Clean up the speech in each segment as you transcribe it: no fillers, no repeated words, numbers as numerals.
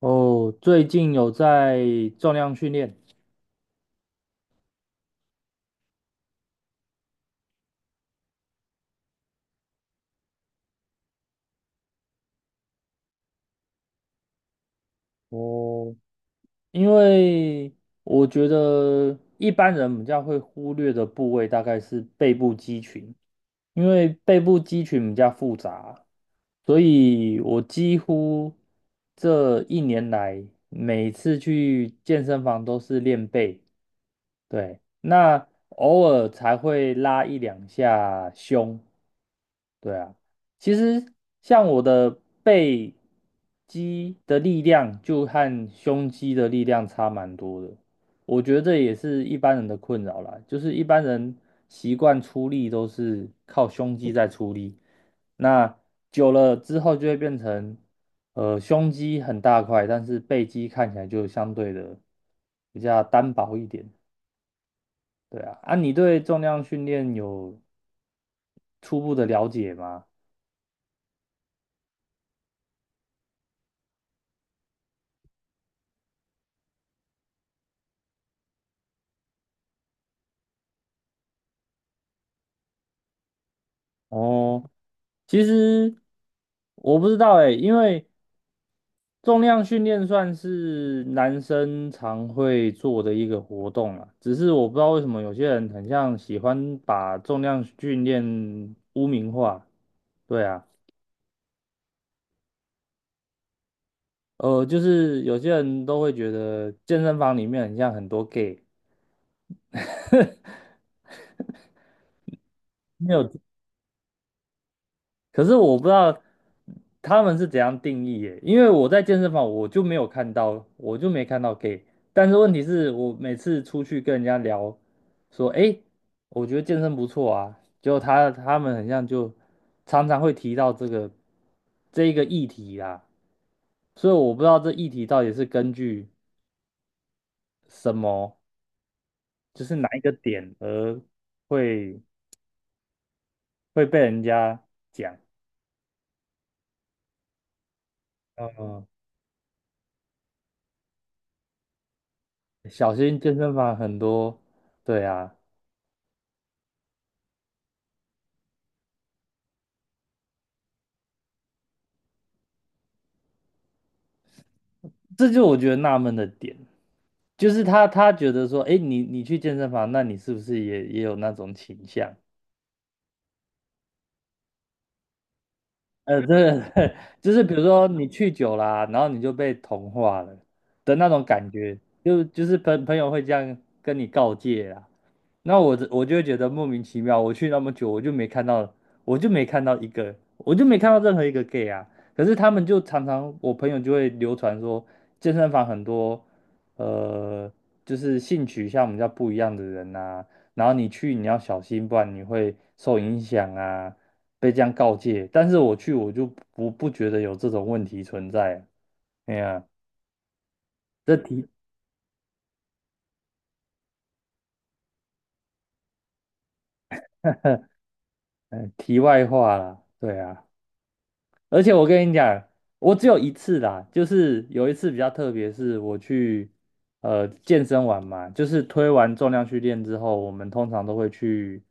哦，最近有在重量训练。哦，因为我觉得一般人比较会忽略的部位大概是背部肌群，因为背部肌群比较复杂，所以我几乎这一年来每次去健身房都是练背，对，那偶尔才会拉一两下胸，对啊，其实像我的背肌的力量就和胸肌的力量差蛮多的，我觉得这也是一般人的困扰啦，就是一般人习惯出力都是靠胸肌在出力，那久了之后就会变成，胸肌很大块，但是背肌看起来就相对的比较单薄一点。对啊，啊，你对重量训练有初步的了解吗？哦。其实我不知道哎，因为重量训练算是男生常会做的一个活动啊，只是我不知道为什么有些人很像喜欢把重量训练污名化。对啊，就是有些人都会觉得健身房里面很像很多 gay，没有，可是我不知道他们是怎样定义耶，因为我在健身房我就没有看到，我就没看到 gay。但是问题是我每次出去跟人家聊，说，诶，我觉得健身不错啊，结果他们很像就常常会提到这一个议题啦，所以我不知道这议题到底是根据什么，就是哪一个点而会会被人家讲，嗯，小心健身房很多，对啊。这就我觉得纳闷的点，就是他觉得说，哎，你去健身房，那你是不是也有那种倾向？对，就是比如说你去久啦、然后你就被同化了的那种感觉，就是朋友会这样跟你告诫啊。那我就会觉得莫名其妙，我去那么久，我就没看到，我就没看到一个，我就没看到任何一个 gay 啊。可是他们就常常，我朋友就会流传说，健身房很多，呃，就是性取向比较不一样的人呐、然后你去你要小心，不然你会受影响啊，被这样告诫。但是我去我就不觉得有这种问题存在啊。哎呀，这题，题外话啦，对啊。而且我跟你讲，我只有一次啦，就是有一次比较特别，是我去健身完嘛，就是推完重量训练之后，我们通常都会去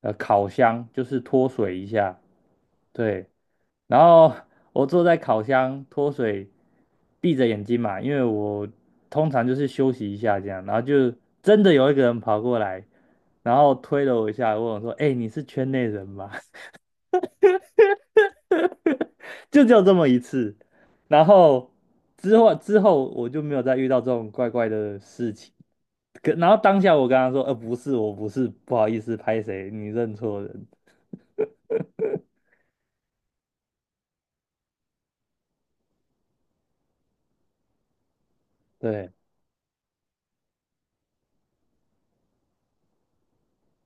烤箱，就是脱水一下，对。然后我坐在烤箱脱水，闭着眼睛嘛，因为我通常就是休息一下这样，然后就真的有一个人跑过来，然后推了我一下，问我说："哎、你是圈内人吗？"就只有这么一次。然后之后我就没有再遇到这种怪怪的事情。可然后当下我跟他说，不是，我不是，不好意思，拍谁，你认错人。对，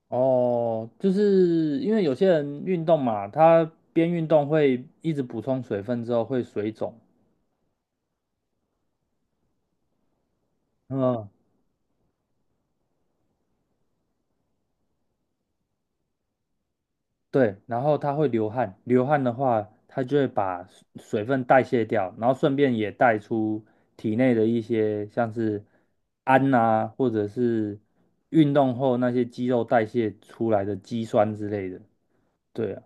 哦，就是因为有些人运动嘛，他边运动会一直补充水分之后会水肿。嗯，对，然后它会流汗，流汗的话，它就会把水分代谢掉，然后顺便也带出体内的一些像是氨啊，或者是运动后那些肌肉代谢出来的肌酸之类的。对啊，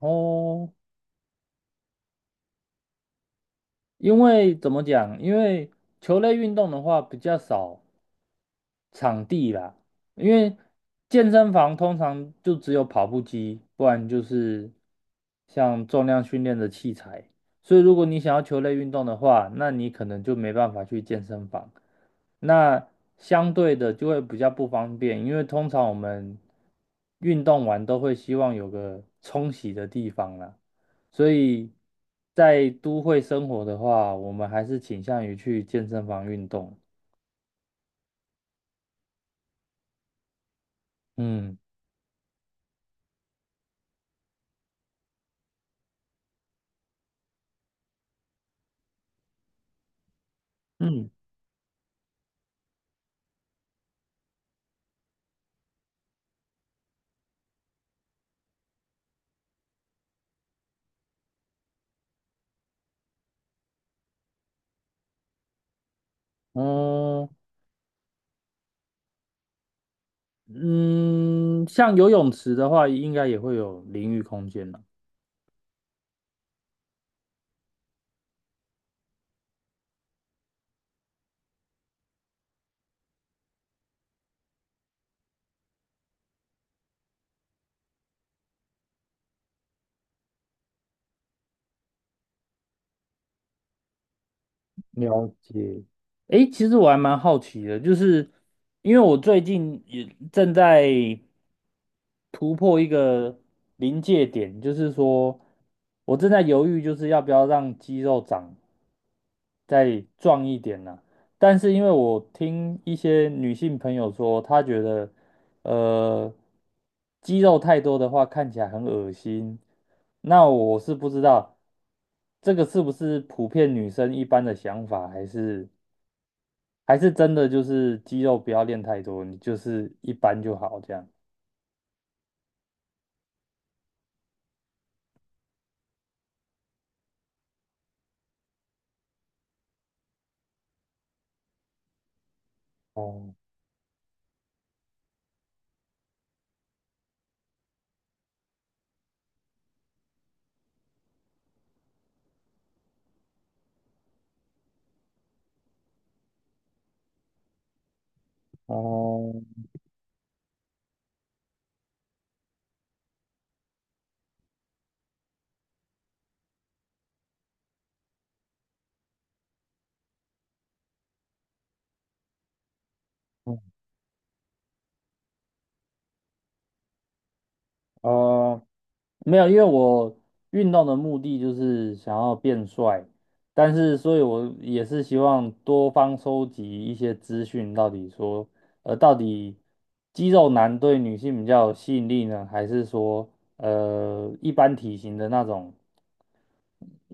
哦，因为怎么讲？因为球类运动的话比较少场地啦，因为健身房通常就只有跑步机，不然就是像重量训练的器材。所以如果你想要球类运动的话，那你可能就没办法去健身房。那相对的就会比较不方便，因为通常我们运动完都会希望有个冲洗的地方啦。所以在都会生活的话，我们还是倾向于去健身房运动。嗯。嗯，嗯，嗯，像游泳池的话，应该也会有淋浴空间了。了解。诶，其实我还蛮好奇的，就是因为我最近也正在突破一个临界点，就是说我正在犹豫，就是要不要让肌肉长再壮一点呢、但是因为我听一些女性朋友说，她觉得呃肌肉太多的话看起来很恶心，那我是不知道这个是不是普遍女生一般的想法，还是真的就是肌肉不要练太多，你就是一般就好这样。哦哦哦，没有，因为我运动的目的就是想要变帅，但是所以我也是希望多方收集一些资讯，到底说，到底肌肉男对女性比较有吸引力呢，还是说，一般体型的那种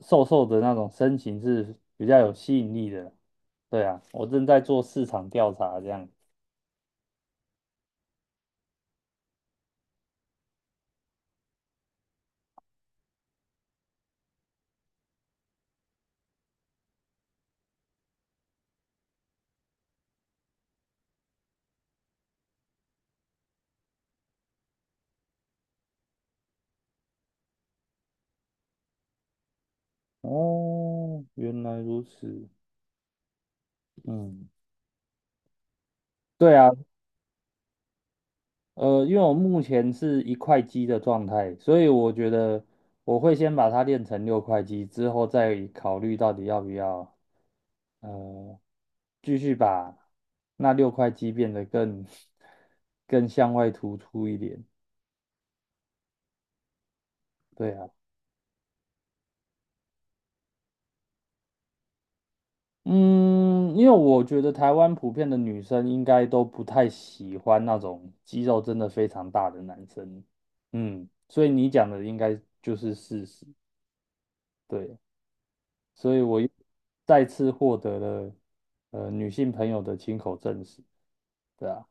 瘦瘦的那种身形是比较有吸引力的？对啊，我正在做市场调查，这样。哦，原来如此。嗯，对啊。因为我目前是一块肌的状态，所以我觉得我会先把它练成六块肌，之后再考虑到底要不要呃继续把那六块肌变得更 更向外突出一点。对啊，嗯，因为我觉得台湾普遍的女生应该都不太喜欢那种肌肉真的非常大的男生，嗯，所以你讲的应该就是事实。对。所以我又再次获得了女性朋友的亲口证实，对啊，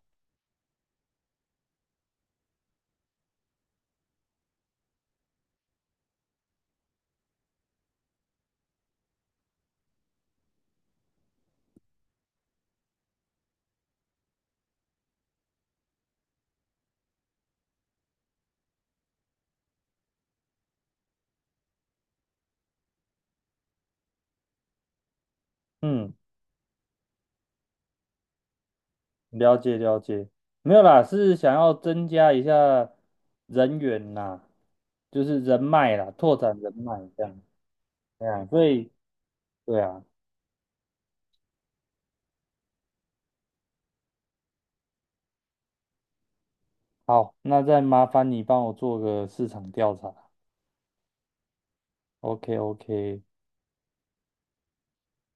嗯，了解了解，没有啦，是想要增加一下人员呐，就是人脉啦，拓展人脉这样，对啊，所以对啊，好，那再麻烦你帮我做个市场调查，OK OK，